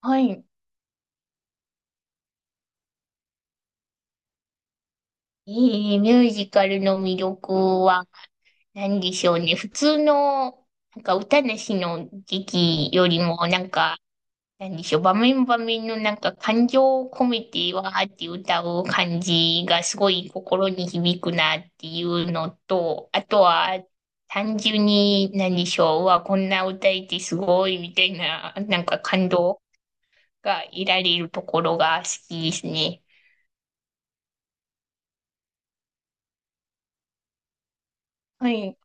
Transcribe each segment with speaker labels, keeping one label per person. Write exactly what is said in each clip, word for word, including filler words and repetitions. Speaker 1: はい。えー、ミュージカルの魅力は何でしょうね。普通の、なんか歌なしの劇よりも、なんか、何でしょう。場面場面のなんか感情を込めてわーって歌う感じがすごい心に響くなっていうのと、あとは単純に何でしょう。うわ、こんな歌えてすごいみたいな、なんか感動が得られるところが好きですね。はい。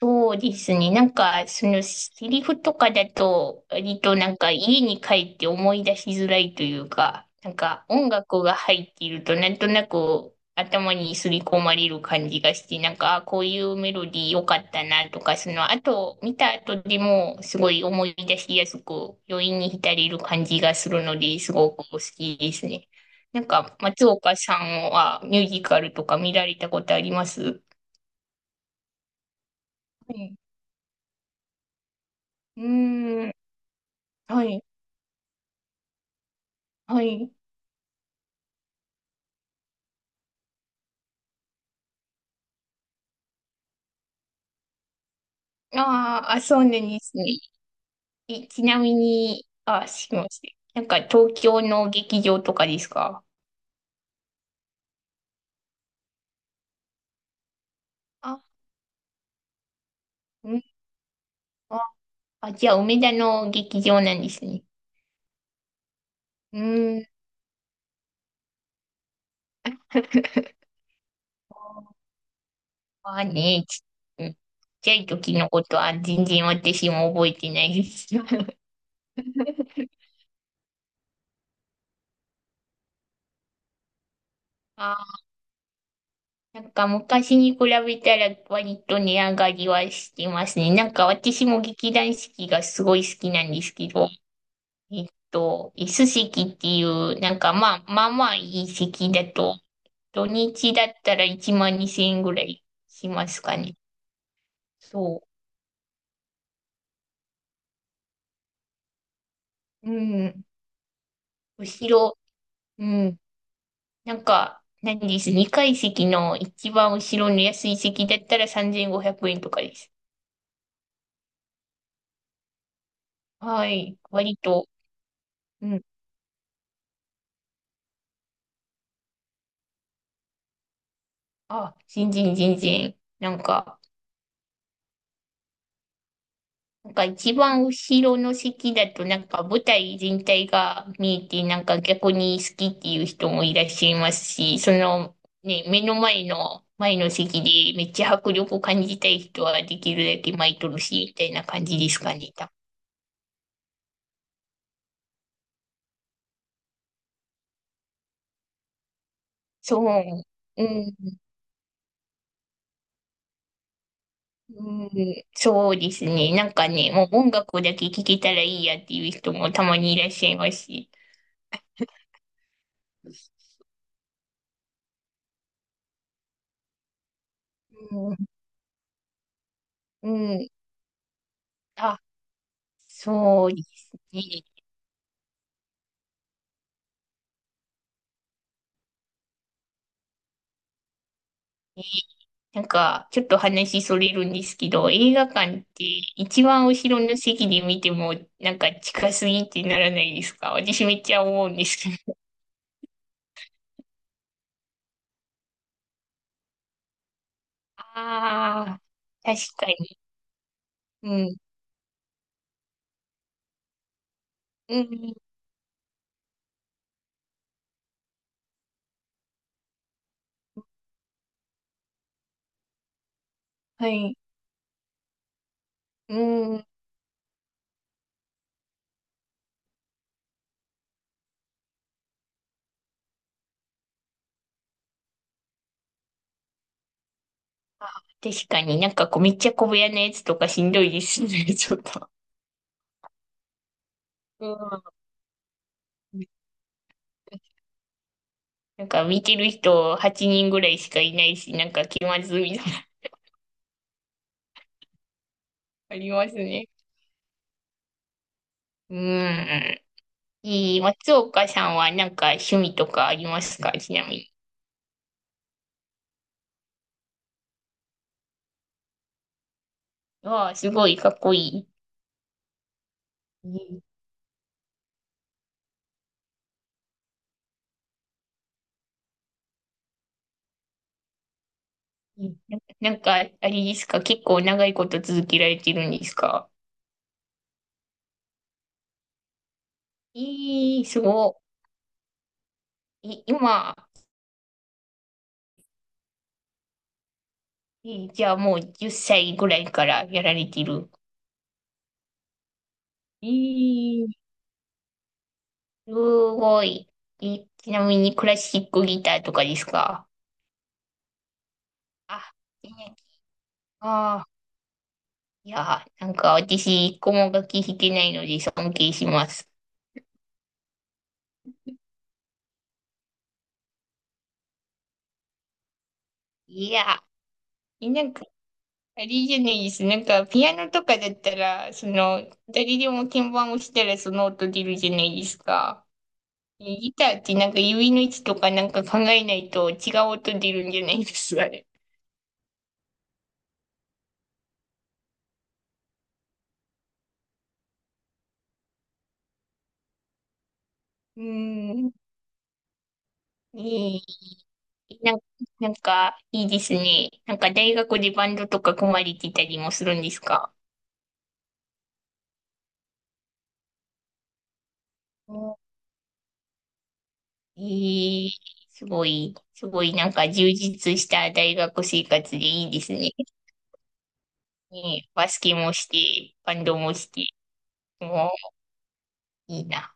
Speaker 1: そうですね。なんか、その、セリフとかだと、割となんか、家に帰って思い出しづらいというか、なんか、音楽が入っていると、なんとなく、頭にすり込まれる感じがして、なんか、あこういうメロディー良かったなとか、その、あと、見た後でも、すごい思い出しやすく、余韻に浸れる感じがするので、すごく好きですね。なんか、松岡さんは、ミュージカルとか見られたことあります？はい。うーん。はい。はい。あーあ、そうなんですね。え、ちなみに、あ、すみません。なんか東京の劇場とかですか？あ、うん。あ、あじゃあ梅田の劇場なんですね。うん。まあね、ちうん。ちっちゃい時のことは全然私も覚えてないです。あー、なんか昔に比べたら割と値上がりはしてますね。なんか私も劇団四季がすごい好きなんですけど、えっと、椅子席っていう、なんかまあ、まあまあいい席だと、土日だったらいちまんにせんえんぐらいしますかね。そう。うん。後ろ、うん。なんか、何です。にかい席の一番後ろの安い席だったらさんぜんごひゃくえんとかです。はい。割と、うん。あ、全然全然。なんか、なんか一番後ろの席だとなんか舞台全体が見えてなんか逆に好きっていう人もいらっしゃいますし、そのね、目の前の前の席でめっちゃ迫力を感じたい人はできるだけ巻いとるし、みたいな感じですかね。多分そう。うん、うん、そうですね。なんかね、もう音楽だけ聴けたらいいやっていう人もたまにいらっしゃいますし。うん、うん、あ、そうですね。なんか、ちょっと話それるんですけど、映画館って一番後ろの席で見ても、なんか近すぎってならないですか？私めっちゃ思うんですけど。ああ、確かに。うん。うん。はい。うん。確かになんかこうめっちゃ小部屋のやつとかしんどいですね、ちょっと。うん。なんか見てる人はちにんぐらいしかいないし、なんか気まずいみたいな、ありますね。うん。いい松岡さんはなんか趣味とかありますか、ちなみに？わあ、すごいかっこいいい、いいい。な、なんか、あれですか、結構長いこと続けられてるんですか？ええ、すごい。い今、えーじゃあもうじゅっさいぐらいからやられてる？ええ、すごい。え、ちなみにクラシックギターとかですか？あ、ええ、ああ、いや、なんか私、一個も楽器弾けないので尊敬します。いや、えなんあれじゃないです。なんか、ピアノとかだったら、その、誰でも鍵盤を押したらその音出るじゃないですか。ギターってなんか指の位置とかなんか考えないと違う音出るんじゃないですか、あれ。うーん。いいなんか、なんか、いいですね。なんか、大学でバンドとか組まれてたりもするんですか？おえい、すごい、すごいなんか充実した大学生活でいいですね。ねえバスケもして、バンドもして。いいな。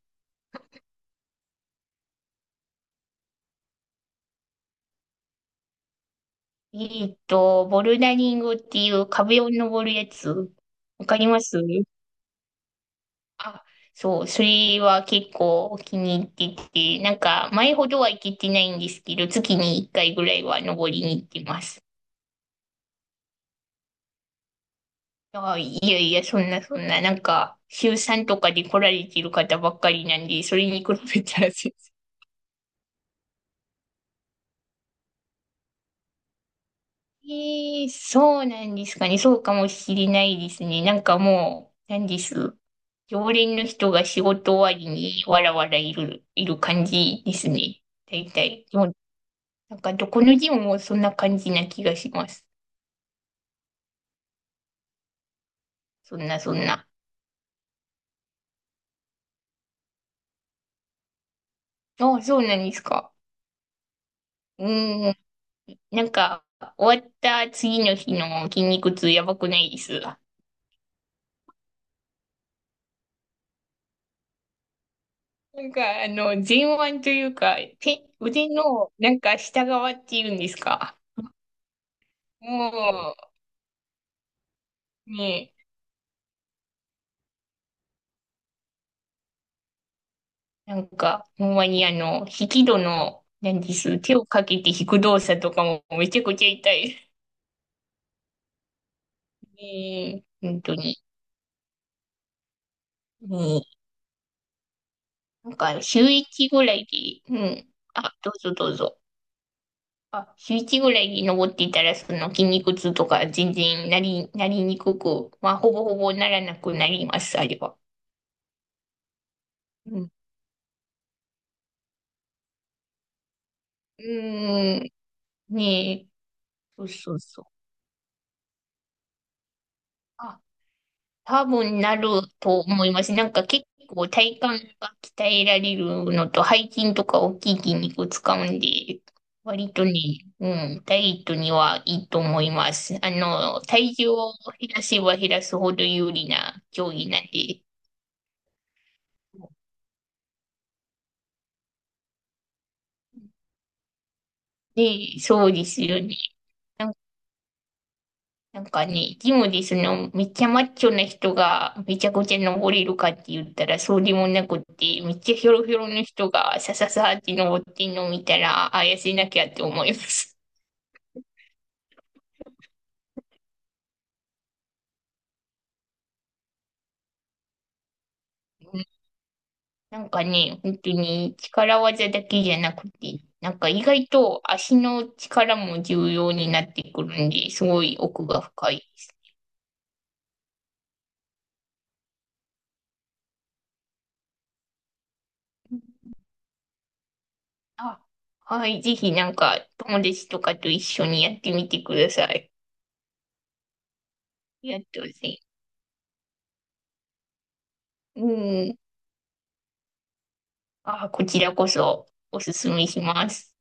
Speaker 1: えっと、ボルダリングっていう壁を登るやつ。わかります。あ、そう、それは結構気に入ってて、なんか前ほどは行けてないんですけど、月にいっかいぐらいは登りに行ってます。あ、いやいや、そんなそんな、なんか週さんとかで来られてる方ばっかりなんで、それに比べたら全えーそうなんですかね。そうかもしれないですね。なんかもう、なんです。常連の人が仕事終わりにわらわらいる、いる感じですね。大体。でも、なんかどこのジムもそんな感じな気がします。そんなそんな。ああ、そうなんですか。うーん。なんか、終わった次の日の筋肉痛やばくないです？なんか、あの、前腕というか、手、腕の、なんか下側っていうんですか。もう、ねなんか、ほんまにあの、引き戸の、何です、手をかけて引く動作とかもめちゃくちゃ痛い。ねえ、本当に。うんなんか、週一ぐらいで、うん。あ、どうぞどうぞ。あ、週一ぐらいで登っていたら、その筋肉痛とか全然なり、なりにくく、まあ、ほぼほぼならなくなります、あれは。うん。うーん、ねえ、そうそうそう。あ、多分なると思います。なんか結構体幹が鍛えられるのと背筋とか大きい筋肉使うんで、割とね、うん、ダイエットにはいいと思います。あの、体重を減らせば減らすほど有利な競技なんで。で、そうですよね。なんかね、ジムでその、めっちゃマッチョな人がめちゃくちゃ登れるかって言ったらそうでもなくって、めっちゃひょろひょろの人がさささって登ってんのを見たら、あ、痩せなきゃって思います。うんなんかね、本当に力技だけじゃなくて、なんか意外と足の力も重要になってくるんで、すごい奥が深い。あ、はい、ぜひなんか友達とかと一緒にやってみてください。ありがとうございます。うん。あ、こちらこそおすすめします。